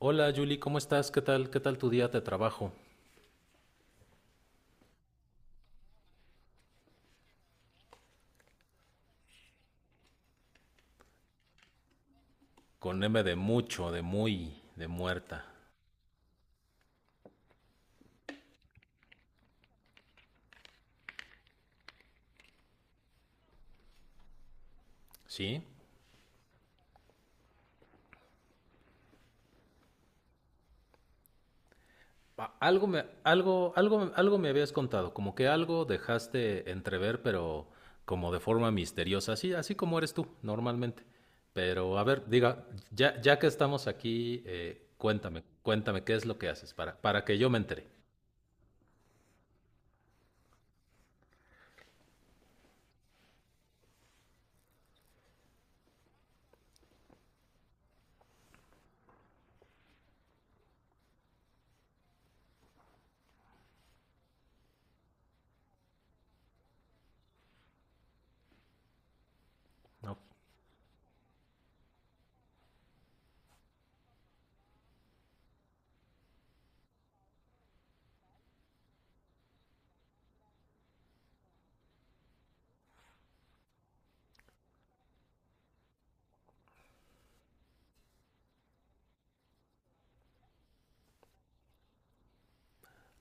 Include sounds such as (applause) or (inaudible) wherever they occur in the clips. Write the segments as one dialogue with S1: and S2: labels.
S1: Hola Julie, ¿cómo estás? ¿Qué tal? ¿Qué tal tu día de trabajo? Con M de mucho, de muy, de muerta. ¿Sí? Algo me habías contado, como que algo dejaste entrever, pero como de forma misteriosa, así, así como eres tú, normalmente. Pero a ver, diga, ya que estamos aquí, cuéntame, cuéntame qué es lo que haces para que yo me entere. ¿No?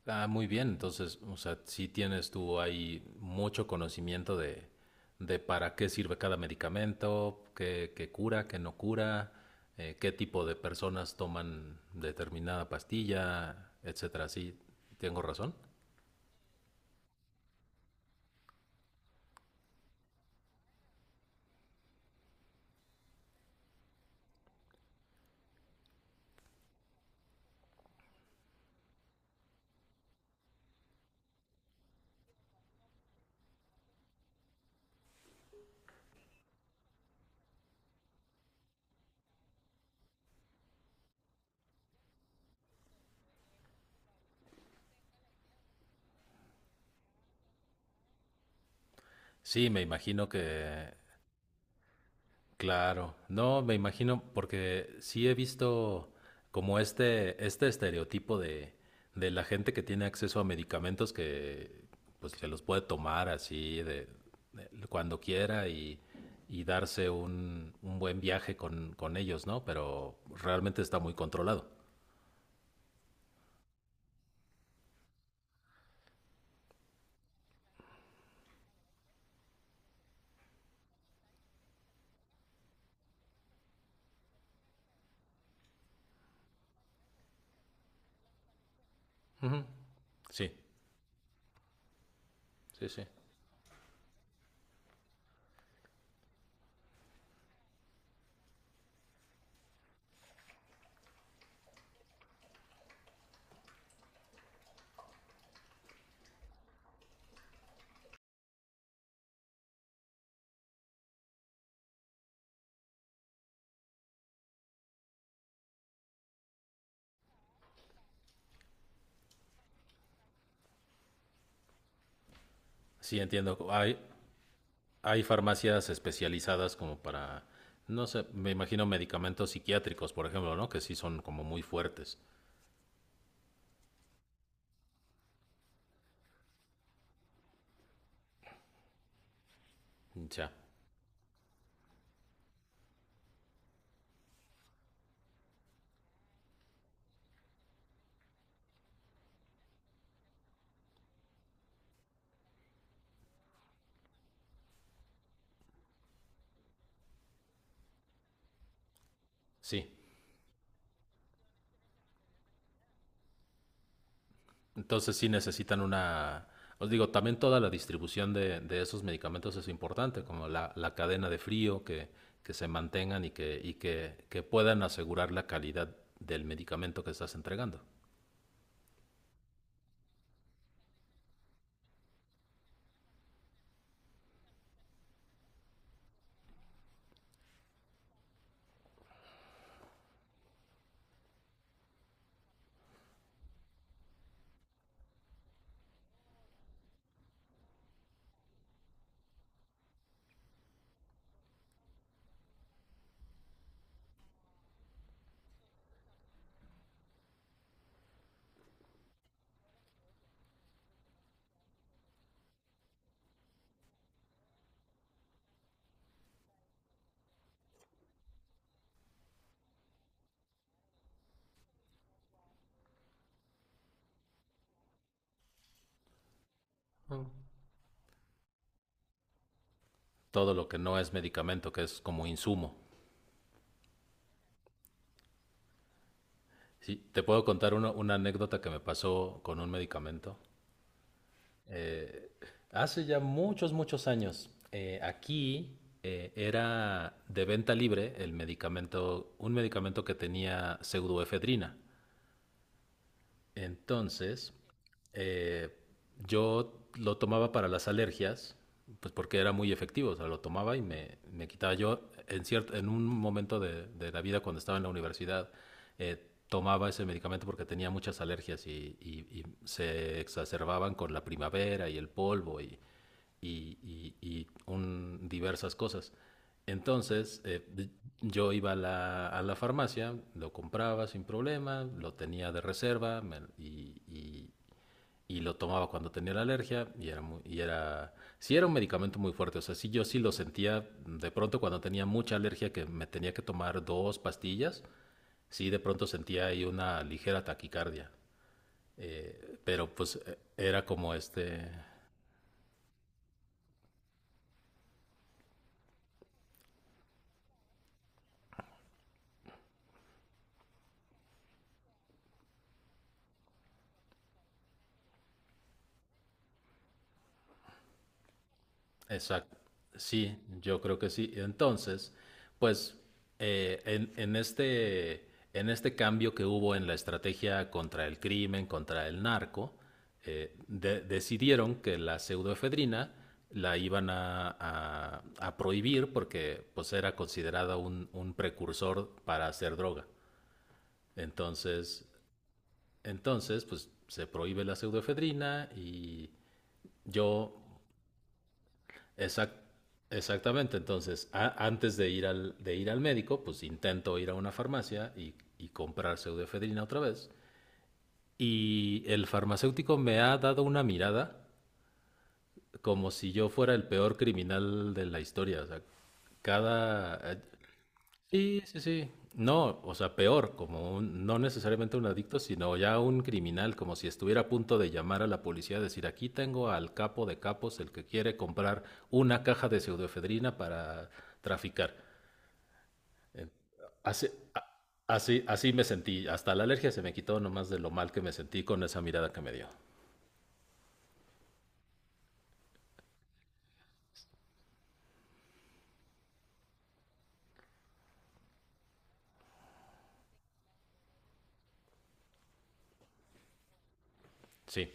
S1: Ah, muy bien. Entonces, o sea, sí tienes tú ahí mucho conocimiento de para qué sirve cada medicamento, qué cura, qué no cura, qué tipo de personas toman determinada pastilla, etcétera. Sí, tengo razón. Sí, me imagino que claro, no, me imagino, porque sí he visto como este estereotipo de la gente que tiene acceso a medicamentos que pues se los puede tomar así cuando quiera y darse un buen viaje con ellos, ¿no? Pero realmente está muy controlado. Ujú. Sí, sí, sí. Sí, entiendo. Hay farmacias especializadas como para no sé, me imagino medicamentos psiquiátricos, por ejemplo, ¿no? Que sí son como muy fuertes. Ya, sí. Entonces sí necesitan una... Os digo, también toda la distribución de esos medicamentos es importante, como la cadena de frío, que se mantengan y que, y que, que puedan asegurar la calidad del medicamento que estás entregando. Todo lo que no es medicamento, que es como insumo. Sí, te puedo contar una anécdota que me pasó con un medicamento. Eh, hace ya muchos, muchos años, aquí era de venta libre el medicamento, un medicamento que tenía pseudoefedrina. Entonces, eh, yo lo tomaba para las alergias, pues porque era muy efectivo, o sea, lo tomaba y me quitaba. Yo en, cierto, en un momento de la vida cuando estaba en la universidad, tomaba ese medicamento porque tenía muchas alergias y se exacerbaban con la primavera y el polvo y diversas cosas. Entonces, yo iba a a la farmacia, lo compraba sin problema, lo tenía de reserva y lo tomaba cuando tenía la alergia y sí era un medicamento muy fuerte, o sea, sí yo sí lo sentía de pronto cuando tenía mucha alergia que me tenía que tomar dos pastillas, sí de pronto sentía ahí una ligera taquicardia. Pero pues era como este, exacto. Sí, yo creo que sí. Entonces, pues eh, en, en este, en este cambio que hubo en la estrategia contra el crimen, contra el narco, decidieron que la pseudoefedrina la iban a prohibir porque pues era considerada un precursor para hacer droga. Entonces, entonces, pues se prohíbe la pseudoefedrina y yo... Exact- exactamente, entonces, antes de ir, de ir al médico, pues intento ir a una farmacia y comprar pseudoefedrina otra vez. Y el farmacéutico me ha dado una mirada como si yo fuera el peor criminal de la historia. O sea, cada... Sí, sí, sí. No, o sea, peor, como un, no necesariamente un adicto, sino ya un criminal, como si estuviera a punto de llamar a la policía, decir, aquí tengo al capo de capos, el que quiere comprar una caja de pseudoefedrina para traficar. Así, a- así, así me sentí, hasta la alergia se me quitó nomás de lo mal que me sentí con esa mirada que me dio. Sí,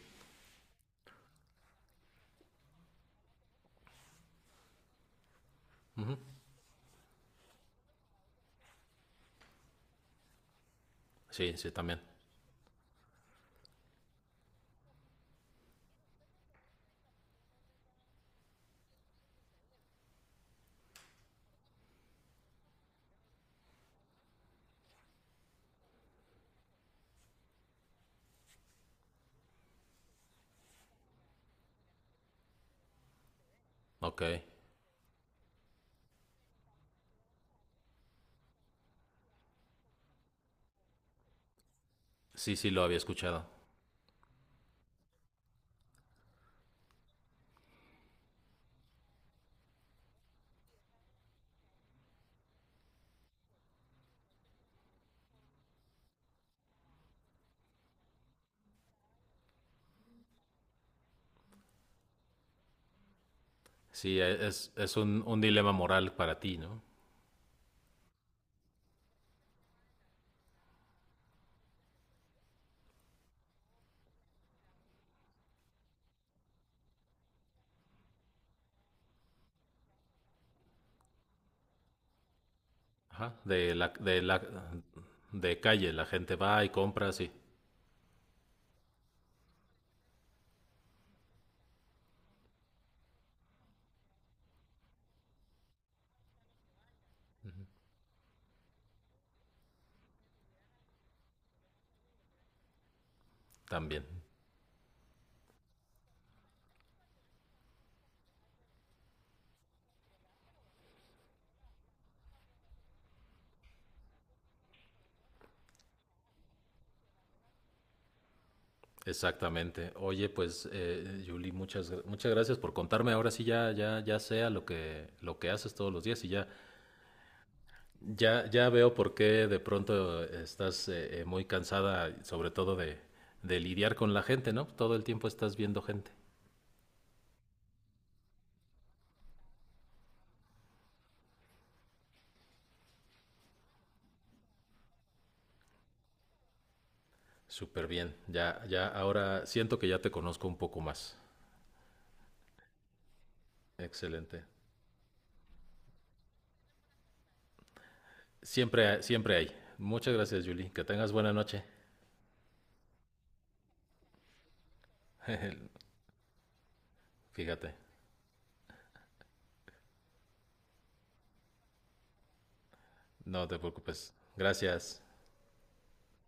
S1: sí, sí, también. Ok, sí, sí, lo había escuchado. Sí, es un dilema moral para ti, ¿no? Ajá, de la, de calle, la gente va y compra, sí, también, exactamente. Oye, pues, Julie, muchas gracias por contarme. Ahora sí ya, ya sea lo que haces todos los días y ya, ya veo por qué de pronto estás muy cansada, sobre todo de lidiar con la gente, ¿no? Todo el tiempo estás viendo gente. Súper bien, ya, ya, ahora siento que ya te conozco un poco más. Excelente. Siempre, siempre hay. Muchas gracias, Julie. Que tengas buena noche. (laughs) Fíjate, no te preocupes. Gracias.